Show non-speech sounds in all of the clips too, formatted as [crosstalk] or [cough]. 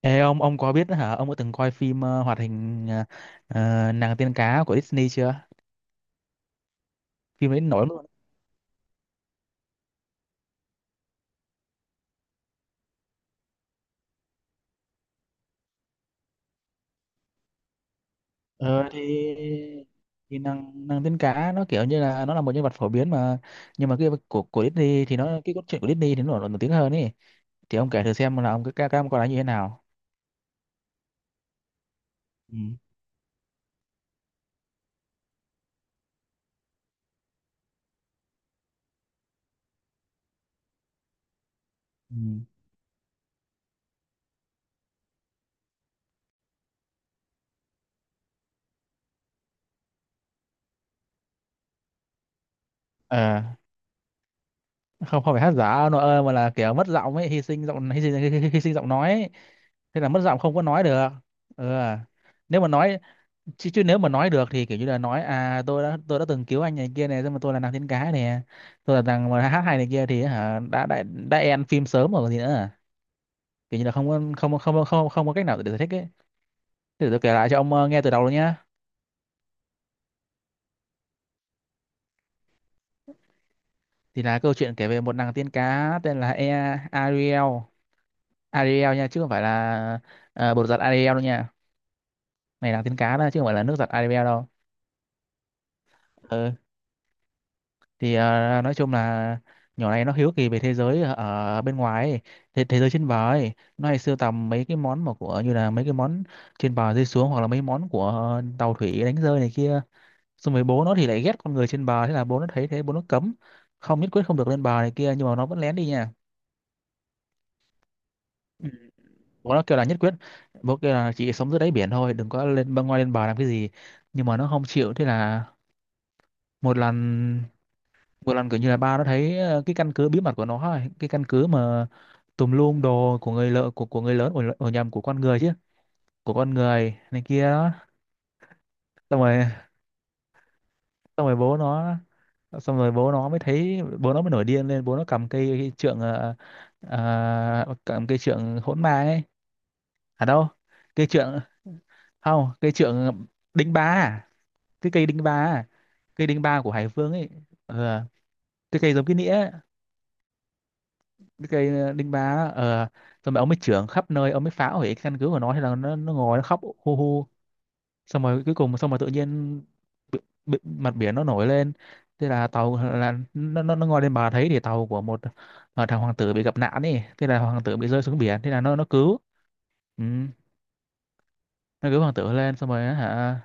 Ê, ông có biết hả, ông có từng coi phim hoạt hình nàng tiên cá của Disney chưa? Phim đấy nổi lắm luôn. ờ thì thì nàng nàng tiên cá nó kiểu như là nó là một nhân vật phổ biến mà, nhưng mà cái của Disney thì nó, cái cốt truyện của Disney thì nó nổi nổi tiếng hơn ấy. Thì ông kể thử xem là ông, cái các ông coi nó như thế nào. Ừ. Ừ. ờ Không, không phải hát giả nó ơi, mà là kiểu mất giọng ấy, hy sinh giọng nói ấy. Thế là mất giọng, không có nói được. Ừ. À. nếu mà nói chứ chứ nếu mà nói được thì kiểu như là nói à, tôi đã từng cứu anh này kia này, nhưng mà tôi là nàng tiên cá nè, tôi là nàng mà hát hay này kia, thì hả đã end phim sớm rồi còn gì nữa à? Kiểu như là không có không không không không có cách nào để giải thích ấy. Thì tôi kể lại cho ông nghe từ đầu luôn nhá. Thì là câu chuyện kể về một nàng tiên cá tên là Ariel. Ariel nha, chứ không phải là bột giặt Ariel đâu nha. Này, nàng tiên cá đó chứ không phải là nước giặt Ariel đâu. Ừ. Thì nói chung là nhỏ này nó hiếu kỳ về thế giới ở ở bên ngoài ấy, thế giới trên bờ ấy. Nó hay sưu tầm mấy cái món mà của, như là mấy cái món trên bờ rơi xuống, hoặc là mấy món của tàu thủy đánh rơi này kia. Xong rồi bố nó thì lại ghét con người trên bờ, thế là bố nó thấy thế bố nó cấm, không, nhất quyết không được lên bờ này kia, nhưng mà nó vẫn lén đi nha. Ừ. Bố nó kêu là nhất quyết, bố kêu là chị sống dưới đáy biển thôi, đừng có lên băng ngoài lên bờ làm cái gì. Nhưng mà nó không chịu, thế là một lần vừa lần kiểu như là ba nó thấy cái căn cứ bí mật của nó ấy, cái căn cứ mà tùm lum đồ của người lợ, của người lớn, ở, ở nhầm của con người chứ, của con người này kia đó. Xong rồi xong rồi bố nó xong rồi bố nó mới thấy, bố nó mới nổi điên lên, bố nó cầm cây cái trượng cầm cây trượng hỗn ma ấy. À đâu, cây trượng. Không, cây trượng, đinh ba à? Cái cây đinh ba à? Cây đinh ba của Hải Vương ấy. Ờ. Cái cây giống cái nĩa ấy. Cái cây đinh ba đó. Ờ Xong rồi ông mới chưởng khắp nơi, ông mới phá hủy căn cứ của nó, hay là nó ngồi nó khóc hu hu. Xong rồi cuối cùng, xong rồi tự nhiên bi- mặt biển nó nổi lên. Thế là tàu là nó ngồi lên bờ thấy thì tàu của một thằng hoàng tử bị gặp nạn ấy, thế là hoàng tử bị rơi xuống biển, thế là nó cứu. Ừ. Nó cứu hoàng tử lên, xong rồi á hả.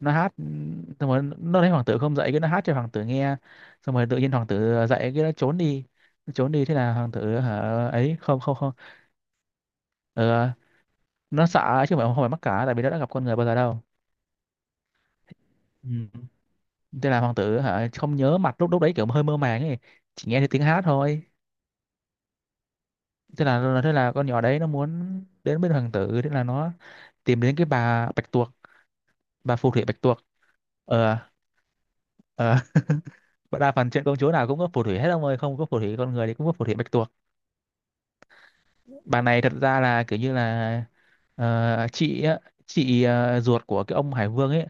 Nó hát, xong rồi nó thấy hoàng tử không dậy, cái nó hát cho hoàng tử nghe. Xong rồi tự nhiên hoàng tử dậy, cái nó trốn đi. Nó trốn đi, thế là hoàng tử hả. Ấy không, không, không. Ờ, nó sợ chứ không phải mắc cỡ, tại vì nó đã gặp con người bao giờ đâu. Ừ. Thế là hoàng tử hả, không nhớ mặt, lúc lúc đấy kiểu hơi mơ màng ấy, chỉ nghe thấy tiếng hát thôi. Thế là con nhỏ đấy nó muốn đến bên hoàng tử, thế là nó tìm đến cái bà bạch tuộc, bà phù thủy bạch tuộc. ờ ờ [laughs] Và đa phần chuyện công chúa nào cũng có phù thủy hết ông ơi, không có phù thủy con người thì cũng có phù thủy bạch tuộc. Bà này thật ra là kiểu như là chị á, chị ruột của cái ông Hải Vương ấy.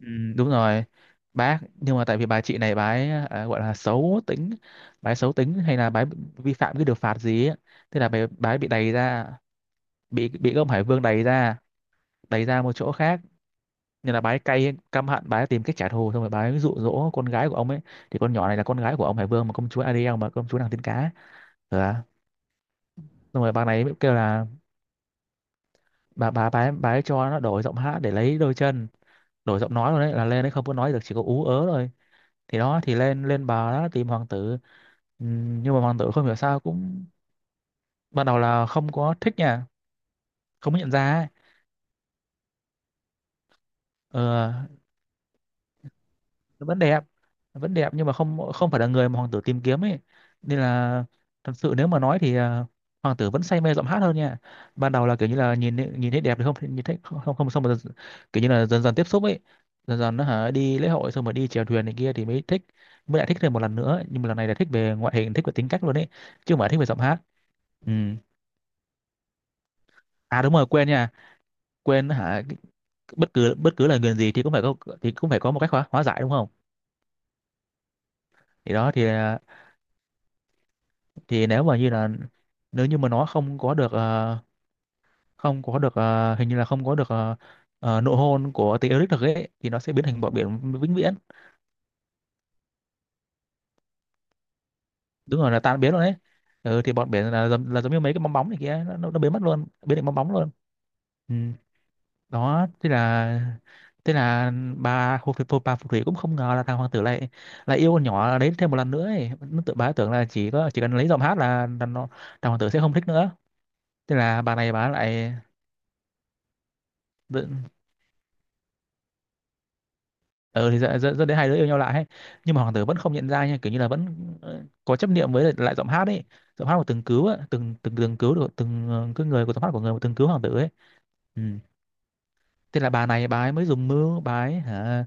Ừ, đúng rồi. Bác, nhưng mà tại vì bà chị này, bà ấy à, gọi là xấu tính. Bà ấy xấu tính hay là bà ấy vi phạm cái điều phạt gì ấy. Thế là bà ấy bị đày ra, bị cái ông Hải Vương đày ra, đày ra một chỗ khác. Nên là bà ấy cay căm hận, bà ấy tìm cách trả thù, xong rồi bà ấy dụ dỗ con gái của ông ấy. Thì con nhỏ này là con gái của ông Hải Vương mà, công chúa Ariel mà, công chúa nàng tiên cá. Ừ. À. Xong rồi bà này mới kêu là bà ấy cho nó đổi giọng hát để lấy đôi chân, đổi giọng nói rồi, đấy là lên đấy không có nói được, chỉ có ú ớ thôi. Thì đó thì lên lên bà đó tìm hoàng tử. Ừ, nhưng mà hoàng tử không hiểu sao cũng, ban đầu là không có thích nha, không có nhận ra ấy. ờ, nó vẫn đẹp nó vẫn đẹp nhưng mà không không phải là người mà hoàng tử tìm kiếm ấy. Nên là thật sự nếu mà nói thì à, hoàng tử vẫn say mê giọng hát hơn nha. Ban đầu là kiểu như là nhìn nhìn thấy đẹp thì không, nhìn thấy không, không, không xong mà kiểu như là dần dần tiếp xúc ấy. Dần dần nó hả đi lễ hội, xong rồi đi chèo thuyền này kia thì mới thích, mới lại thích thêm một lần nữa, nhưng mà lần này là thích về ngoại hình, thích về tính cách luôn ấy, chứ không phải thích về giọng hát. Ừ. À đúng rồi, quên nha. Quên hả. Bất cứ lời nguyền gì thì cũng phải có, thì cũng phải có một cách hóa giải đúng không. Thì đó thì nếu mà như là, nếu như mà nó không có được ờ, không có được ờ, hình như là không có được nụ hôn của tí Eric được ấy thì nó sẽ biến thành bọt biển vĩnh viễn. Đúng rồi, là tan biến luôn đấy. Ừ, thì bọt biển là, là giống như mấy cái bong bóng này kia, nó biến mất luôn, biến thành bong bóng luôn. Ừ. Đó thế là bà phù thủy cũng không ngờ là thằng hoàng tử lại lại yêu con nhỏ đấy thêm một lần nữa ấy. Nó tự, bà tưởng là chỉ cần lấy giọng hát là nó, thằng hoàng tử sẽ không thích nữa. Thế là bà này bà lại tự- ờ thì dẫn dẫn dẫn đến hai đứa yêu nhau lại ấy. Nhưng mà hoàng tử vẫn không nhận ra nha, kiểu như là vẫn có chấp niệm với lại lại giọng hát ấy, giọng hát của từng cứu á, từng từng từng cứu được từng cái người của giọng hát của người mà từng cứu hoàng tử ấy. Ừ. Thế là bà này bà ấy mới dùng mưu, bà ấy hả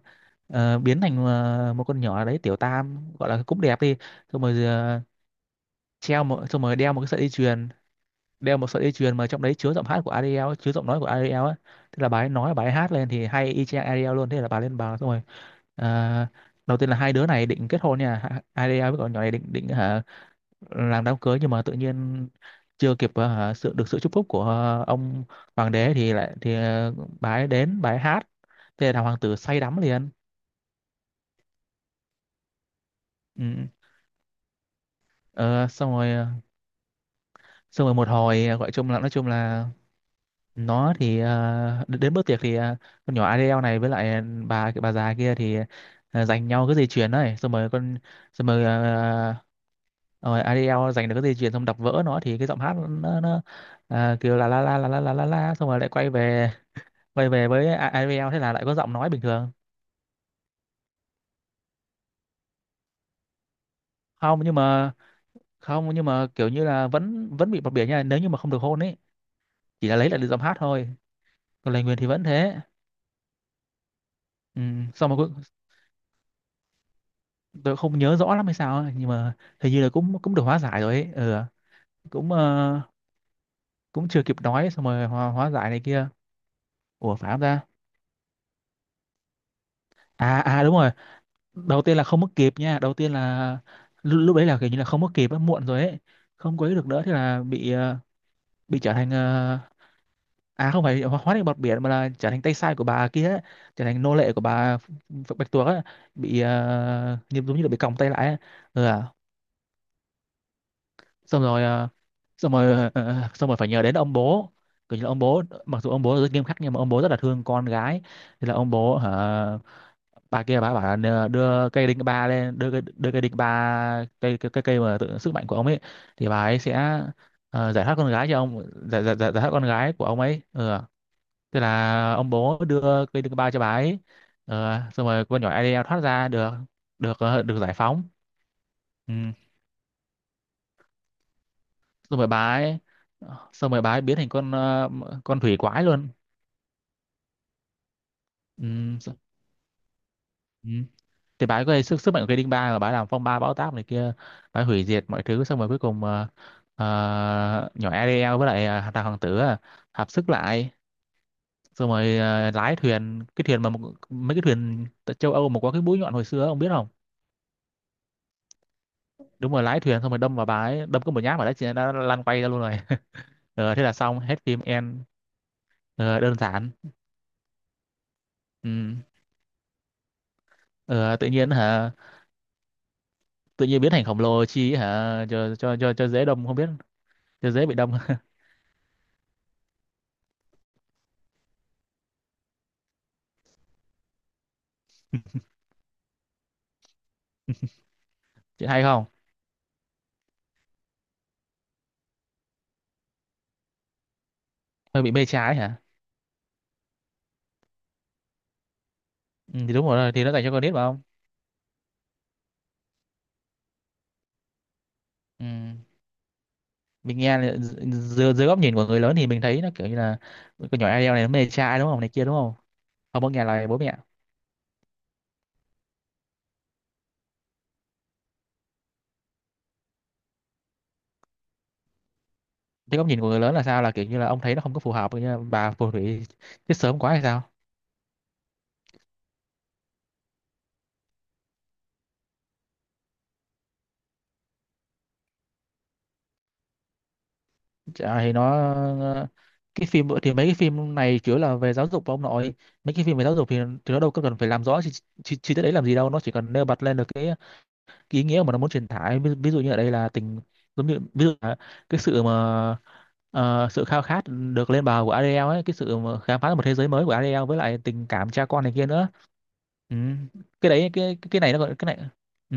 biến thành một con nhỏ đấy tiểu tam, gọi là cũng đẹp đi, xong rồi đeo một cái sợi dây chuyền, đeo một sợi dây chuyền mà trong đấy chứa giọng hát của Ariel ấy, chứa giọng nói của Ariel ấy. Thế là bà ấy nói và bà ấy hát lên thì hay y chang Ariel luôn, thế là bà lên, bà xong rồi ờ, đầu tiên là hai đứa này định kết hôn nha, Ariel với con nhỏ này định định hả, làm đám cưới, nhưng mà tự nhiên chưa kịp hả, được sự chúc phúc của ông hoàng đế thì lại thì bà ấy đến bà ấy hát, thế là hoàng tử say đắm liền. Ừ. Ờ, xong rồi xong rồi một hồi gọi chung là nói chung là nó thì đến bữa tiệc thì con nhỏ Adele này với lại bà già kia thì giành nhau cái dây chuyền đấy xong rồi con xong rồi rồi Adele giành được cái dây chuyền xong đập vỡ nó thì cái giọng hát nó kêu là la la la la la la la xong rồi lại quay về với IVL thế là lại có giọng nói bình thường. Không nhưng mà không nhưng mà kiểu như là vẫn vẫn bị bập bỉa nha nếu như mà không được hôn ấy, chỉ là lấy lại được giọng hát thôi, còn lời nguyền thì vẫn thế. Ừ, xong mà tôi không nhớ rõ lắm hay sao ấy, nhưng mà hình như là cũng cũng được hóa giải rồi ấy, ừ, cũng cũng chưa kịp nói xong rồi hóa giải này kia. Ủa phải không ta? À à đúng rồi, đầu tiên là không mất kịp nha, đầu tiên là lúc đấy là kiểu như là không mất kịp á, muộn rồi ấy, không quấy được nữa, thế là bị bị trở thành à không phải hóa hóa thành bọt biển mà là trở thành tay sai của bà kia ấy, trở thành nô lệ của bà Bạch Tuộc á, bị như giống như là bị còng tay lại á. Ừ, à. Xong rồi xong rồi xong rồi phải nhờ đến ông bố, kiểu như là ông bố mặc dù ông bố rất nghiêm khắc nhưng mà ông bố rất là thương con gái, thì là ông bố hả, bà kia bà bảo là đưa cây đinh ba lên, đưa cây đinh ba cây cây mà tự, sức mạnh của ông ấy thì bà ấy sẽ giải thoát con gái cho ông giải giải giải giải thoát con gái của ông ấy. Ừ. À. Thế là ông bố đưa cây đương bao cho bà ấy. Ờ, xong rồi con nhỏ Ariel thoát ra được, được được giải phóng. Ừ. Xong rồi bà ấy xong rồi bà ấy biến thành con con thủy quái luôn. Ừ. s- ừ. Thì bà ấy có sức sức mạnh của cây đinh ba rồi, bà ấy làm phong ba bão táp này kia, bà ấy hủy diệt mọi thứ, xong rồi cuối cùng nhỏ Ariel với lại thằng hoàng tử à, hợp sức lại xong rồi lái thuyền, cái thuyền mà một, mấy cái thuyền tại châu Âu mà có cái mũi nhọn hồi xưa ông biết không? Đúng rồi, lái thuyền xong rồi đâm vào bà ấy, đâm có một nhát vào đấy chị ấy đã lăn quay ra luôn rồi. Ờ, thế là xong hết phim end. Ờ, đơn giản. Ừ. Ờ, tự nhiên hả, tự nhiên biến thành khổng lồ chi hả cho cho dễ đâm không biết, cho dễ bị đâm. [laughs] Chị hay không, hơi bị mê trái hả. Ừ, thì đúng rồi thì nó dành cho con nít mà không. Ừ. Mình nghe là dưới góc nhìn của người lớn thì mình thấy nó kiểu như là con nhỏ Ariel này nó mê trai đúng không này kia đúng không, không có nghe lời bố mẹ. Thế góc nhìn của người lớn là sao, là kiểu như là ông thấy nó không có phù hợp, như là bà phù thủy chết sớm quá hay sao? Chả thì nó ờ, cái phim thì mấy cái phim này chủ yếu là về giáo dục và ông nội, mấy cái phim về giáo dục thì nó đâu có cần phải làm rõ chi tiết đấy làm gì đâu, nó chỉ cần nêu bật lên được cái ý nghĩa mà nó muốn truyền tải ví dụ như ở đây là tình, giống như ví dụ là cái sự mà ờ, sự khao khát được lên bờ của Ariel ấy, cái sự mà khám phá một thế giới mới của Ariel với lại tình cảm cha con này kia nữa. Ừ. Cái đấy cái này nó còn cái này, ừ,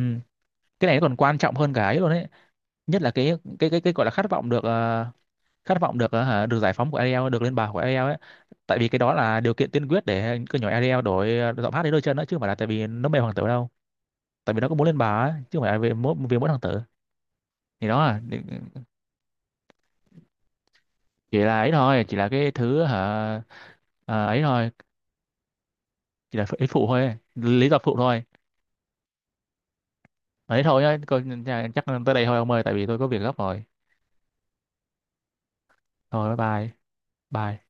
cái này nó còn quan trọng hơn cả ấy luôn ấy, nhất là cái gọi là khát vọng được khát vọng được được giải phóng của Ariel, được lên bảng của Ariel ấy, tại vì cái đó là điều kiện tiên quyết để cứ nhỏ Ariel đổi giọng hát đến đôi chân đó, chứ không phải là tại vì nó mê hoàng tử đâu, tại vì nó cũng muốn lên bảng ấy, chứ không phải là vì vì mỗi hoàng tử. Thì đó chỉ là ấy thôi, chỉ là cái thứ hả ờ, ấy thôi, chỉ là ấy phụ thôi, lý do phụ thôi, ấy thôi nhá chắc tới đây thôi ông ơi, tại vì tôi có việc gấp rồi, thôi bye bye bye